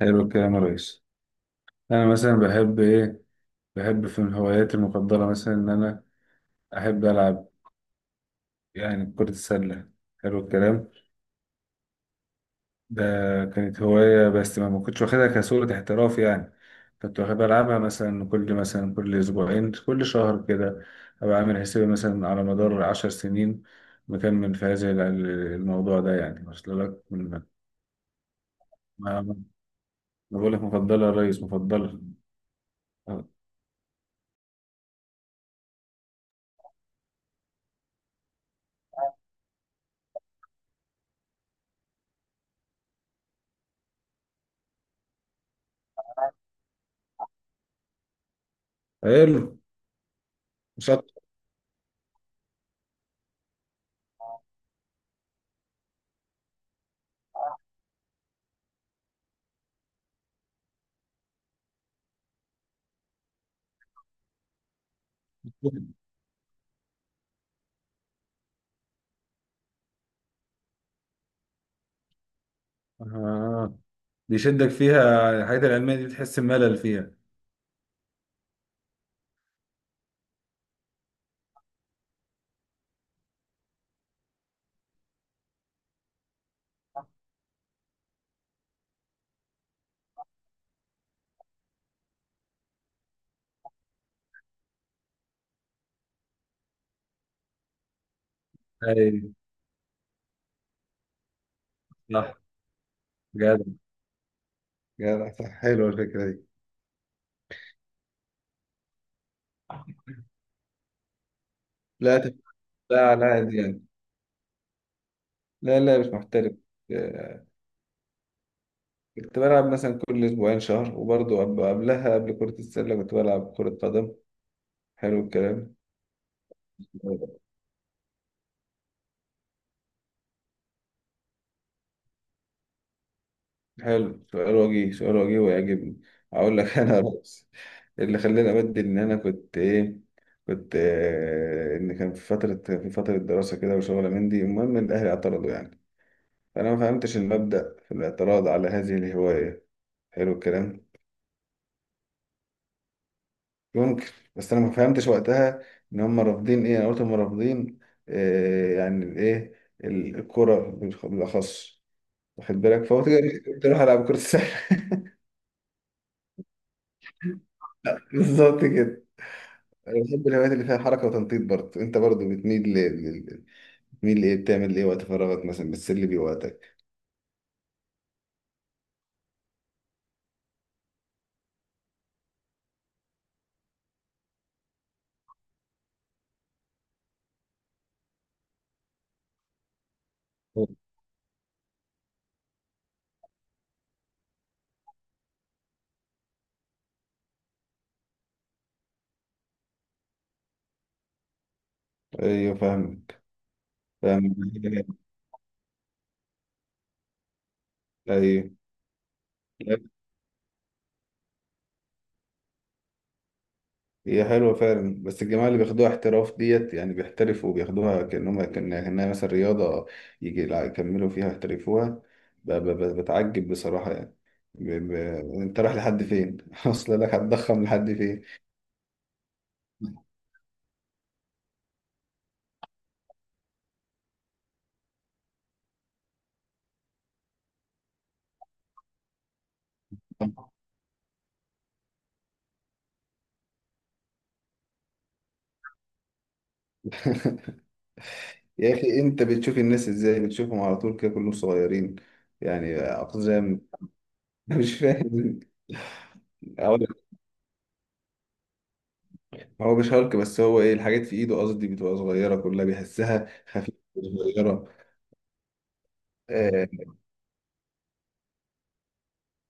حلو الكلام يا ريس. انا مثلا بحب ايه؟ بحب في من هواياتي المفضله مثلا ان انا احب العب يعني كره السله. حلو الكلام. ده كانت هوايه، بس ما كنتش واخدها كصوره احتراف يعني. كنت واخد بلعبها مثلا كل اسبوعين، كل شهر كده. ابقى عامل حسابي مثلا على مدار عشر سنين مكمل في الموضوع ده يعني. واصل لك ما بقول لك مفضله يا ريس، مفضله. حلو. مش أكتر. آه. بيشدك فيها الحاجات العلمية دي، بتحس بملل فيها؟ اي، صح. جدع. جدع، صح، حلوة الفكرة دي. لا تف- لا لا، دي يعني، لا لا مش محترف. آه، كنت بلعب مثلا كل أسبوعين، شهر، وبرضه قبلها، قبل كرة السلة كنت بلعب كرة قدم. حلو الكلام. حلو، سؤال وجيه، سؤال وجيه، ويعجبني. أقول لك، أنا رأس اللي خلاني أبدل إن أنا كنت إيه. كنت إن كان في فترة دراسة كده وشغلة من دي، المهم الأهلي اعترضوا يعني. فأنا ما فهمتش المبدأ في الاعتراض على هذه الهواية. حلو الكلام. ممكن، بس أنا ما فهمتش وقتها إن هم رافضين إيه. أنا قلت هم رافضين آه يعني الإيه، الكرة بالأخص، واخد بالك، فقلت كده، قلت أروح ألعب كرة السلة. بالظبط كده. أنا بحب الهوايات اللي فيها حركة وتنطيط. برضه أنت برضه بتميل ل- بتميل لإيه؟ بتعمل إيه وقت فراغك؟ مثلا بتسلي بيه وقتك. أيوه فاهمك. فاهمك. أيوه. هي حلوة فعلا، بس الجماعة اللي بياخدوها احتراف ديت يعني، بيحترفوا وبياخدوها كأنهم، كأنها، كأنها مثلا رياضة يجي لا يكملوا فيها، يحترفوها. بتعجب بصراحة يعني. ب... ب... انت رايح لحد فين؟ اصل لك، هتضخم لحد فين؟ يا اخي، انت بتشوف الناس ازاي؟ بتشوفهم على طول كده كلهم صغيرين يعني، اقزام؟ مش فاهم. أقول لك، هو مش هالك، بس هو ايه الحاجات في ايده، قصدي بتبقى صغيرة كلها، بيحسها خفيفة، صغيرة. آه،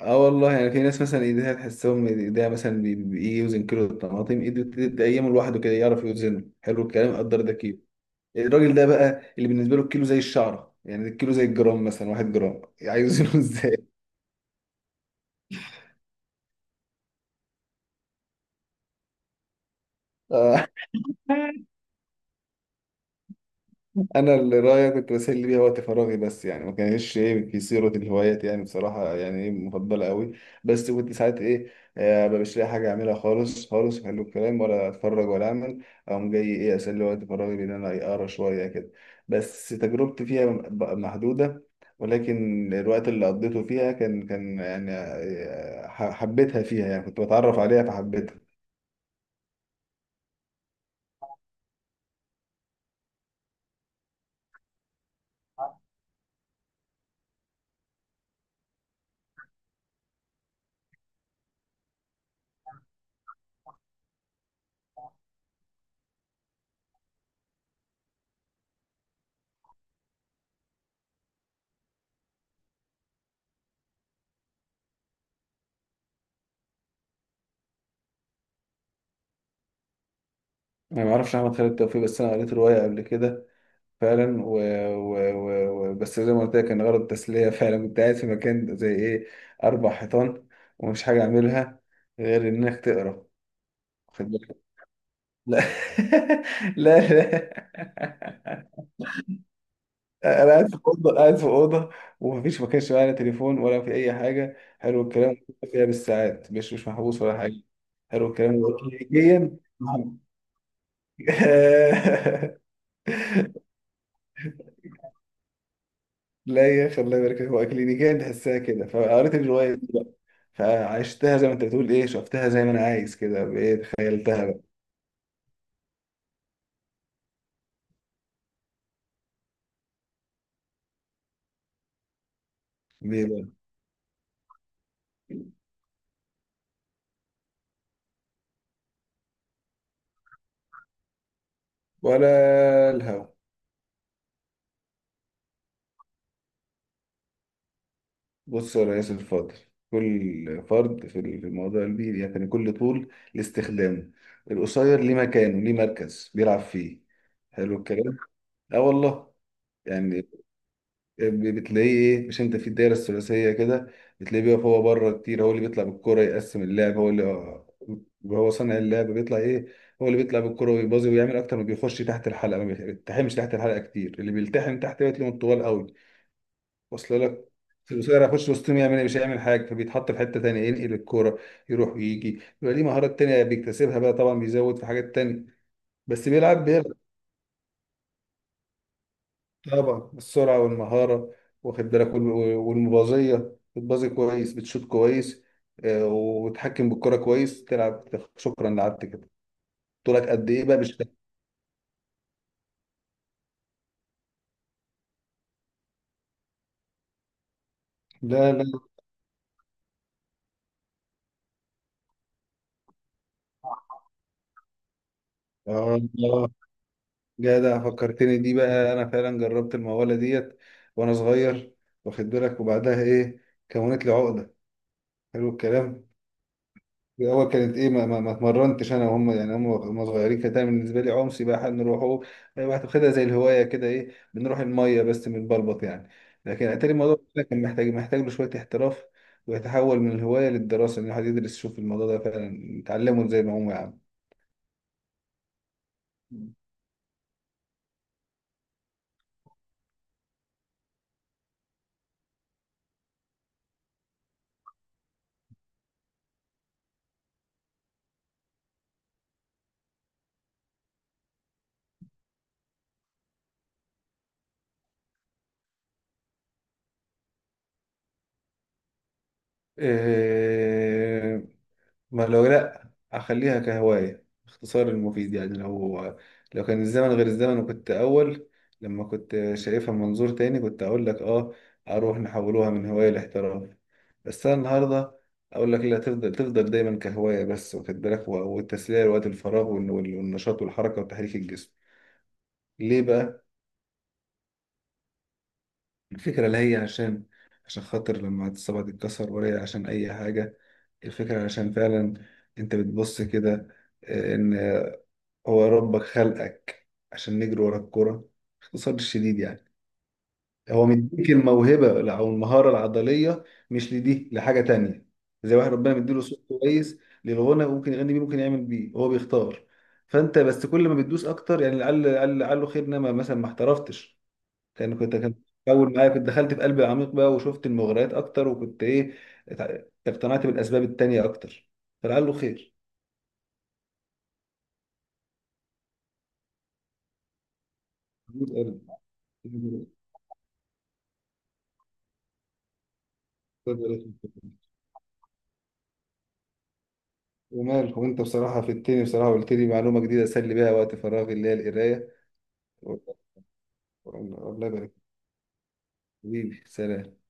اه والله، يعني في ناس مثلا ايديها، تحسهم ايديها مثلا يوزن كيلو الطماطم، ايده تلات ايام لوحده كده يعرف يوزنه. حلو الكلام. قدر ده كيلو. الراجل ده بقى اللي بالنسبه له الكيلو زي الشعره، يعني الكيلو زي الجرام، مثلا واحد جرام عايز يوزنه ازاي. آه. انا اللي رايي، كنت بسلي بيها وقت فراغي بس، يعني ما كانش ايه في صيغه الهوايات يعني، بصراحه يعني ايه مفضله قوي. بس كنت ساعات ايه، ما مش لاقي حاجه اعملها خالص خالص، حلو الكلام، ولا اتفرج ولا اعمل، اقوم جاي ايه اسلي وقت فراغي بان انا إيه، اقرا شويه كده. بس تجربتي فيها محدوده، ولكن الوقت اللي قضيته فيها كان، كان يعني حبيتها فيها يعني، كنت بتعرف عليها فحبيتها. انا ما اعرفش احمد خالد توفيق، بس انا قريت روايه قبل كده فعلا، بس زي ما قلت لك، كان غرض التسلية. فعلا كنت قاعد في مكان زي ايه، أربع حيطان، ومش حاجة أعملها غير إنك تقرا، واخد بالك. لا لا. لا أنا قاعد في أوضة، قاعد في أوضة، ومفيش، ما كانش معايا لا تليفون ولا في أي حاجة. حلو الكلام فيها بالساعات، مش مش محبوس ولا حاجة. حلو الكلام. هو كلينيكيا لا يا أخي الله يبارك فيك، هو كلينيكيا تحسها كده، فقريت الرواية فعشتها زي ما انت بتقول، ايه، شفتها زي ما انا عايز كده، بايه، تخيلتها بقى. بيه بقى. ولا الهوى. بص يا ريس الفاضل، كل فرد في الموضوع دي يعني، كل طول لاستخدامه. القصير ليه مكانه، ليه مركز بيلعب فيه. حلو الكلام. اه والله. يعني بتلاقيه ايه، مش انت في الدايره الثلاثيه كده، بتلاقيه بيقف هو بره كتير، هو اللي بيطلع بالكره، يقسم اللعب، هو اللي هو صانع اللعب، بيطلع ايه، هو اللي بيطلع بالكره ويبازي ويعمل اكتر، ما بيخش تحت الحلقه، ما بيلتحمش تحت الحلقه كتير. اللي بيلتحم تحت بيتلاقيهم الطوال قوي، واصل لك. القصير هيخش وسطهم يعمل ايه؟ مش هيعمل حاجه، فبيتحط في حته تانيه، ينقل الكوره، يروح ويجي، يبقى ليه مهارات تانيه بيكتسبها بقى طبعا، بيزود في حاجات تانيه بس بيلعب. طبعا السرعة والمهارة، واخد بالك، والمبازية، بتبازي كويس، بتشوط كويس، وتحكم بالكرة كويس، تلعب. شكرا، لعبت كده. طولك قد ايه بقى؟ مش لا لا. اه. آه. جدع، فكرتني دي بقى. انا فعلا جربت المقولة ديت وانا صغير، واخد بالك، وبعدها ايه، كونت لي عقدة. حلو الكلام. هو كانت ايه، ما اتمرنتش انا وهم يعني، هم صغيرين، كانت دايما بالنسبه لي عوم سباحه نروحوا، واخدها زي الهوايه كده، ايه، بنروح الميه بس بنبلبط يعني. لكن اتاري الموضوع ده كان محتاج له شويه احتراف، ويتحول من الهوايه للدراسه، ان الواحد يدرس يشوف الموضوع ده فعلا يتعلمه زي ما هم. يا عم ما لو، لا اخليها كهواية، اختصار المفيد يعني. لو، لو كان الزمن غير الزمن، وكنت اول، لما كنت شايفها من منظور تاني، كنت اقول لك اه، اروح نحولوها من هواية لاحتراف. بس انا النهاردة اقول لك لا، تفضل، تفضل دايما كهواية بس، واخد بالك، والتسلية لوقت الفراغ، والنشاط والحركة وتحريك الجسم. ليه بقى؟ الفكرة لا هي عشان، عشان خاطر لما الصبع تتكسر، ولا هي عشان اي حاجة. الفكرة عشان فعلا انت بتبص كده، ان هو ربك خلقك عشان نجري ورا الكرة، باختصار شديد يعني. هو مديك الموهبة أو المهارة العضلية، مش لدي لحاجة تانية. زي واحد ربنا مديله صوت كويس للغنى، ممكن يغني بيه، ممكن يعمل بيه، هو بيختار. فأنت بس كل ما بتدوس أكتر يعني، لعله خير. إنما مثلا، ما احترفتش، كان كنت كان أول معايا، كنت دخلت في قلب العميق بقى، وشفت المغريات أكتر، وكنت إيه، اقتنعت بالأسباب التانية أكتر، فلعله خير. ومال، وانت بصراحة في التاني بصراحة قلت لي معلومة جديدة اسلي بيها وقت فراغي، اللي هي القراية. والله يبارك فيك. حبيبي سلام.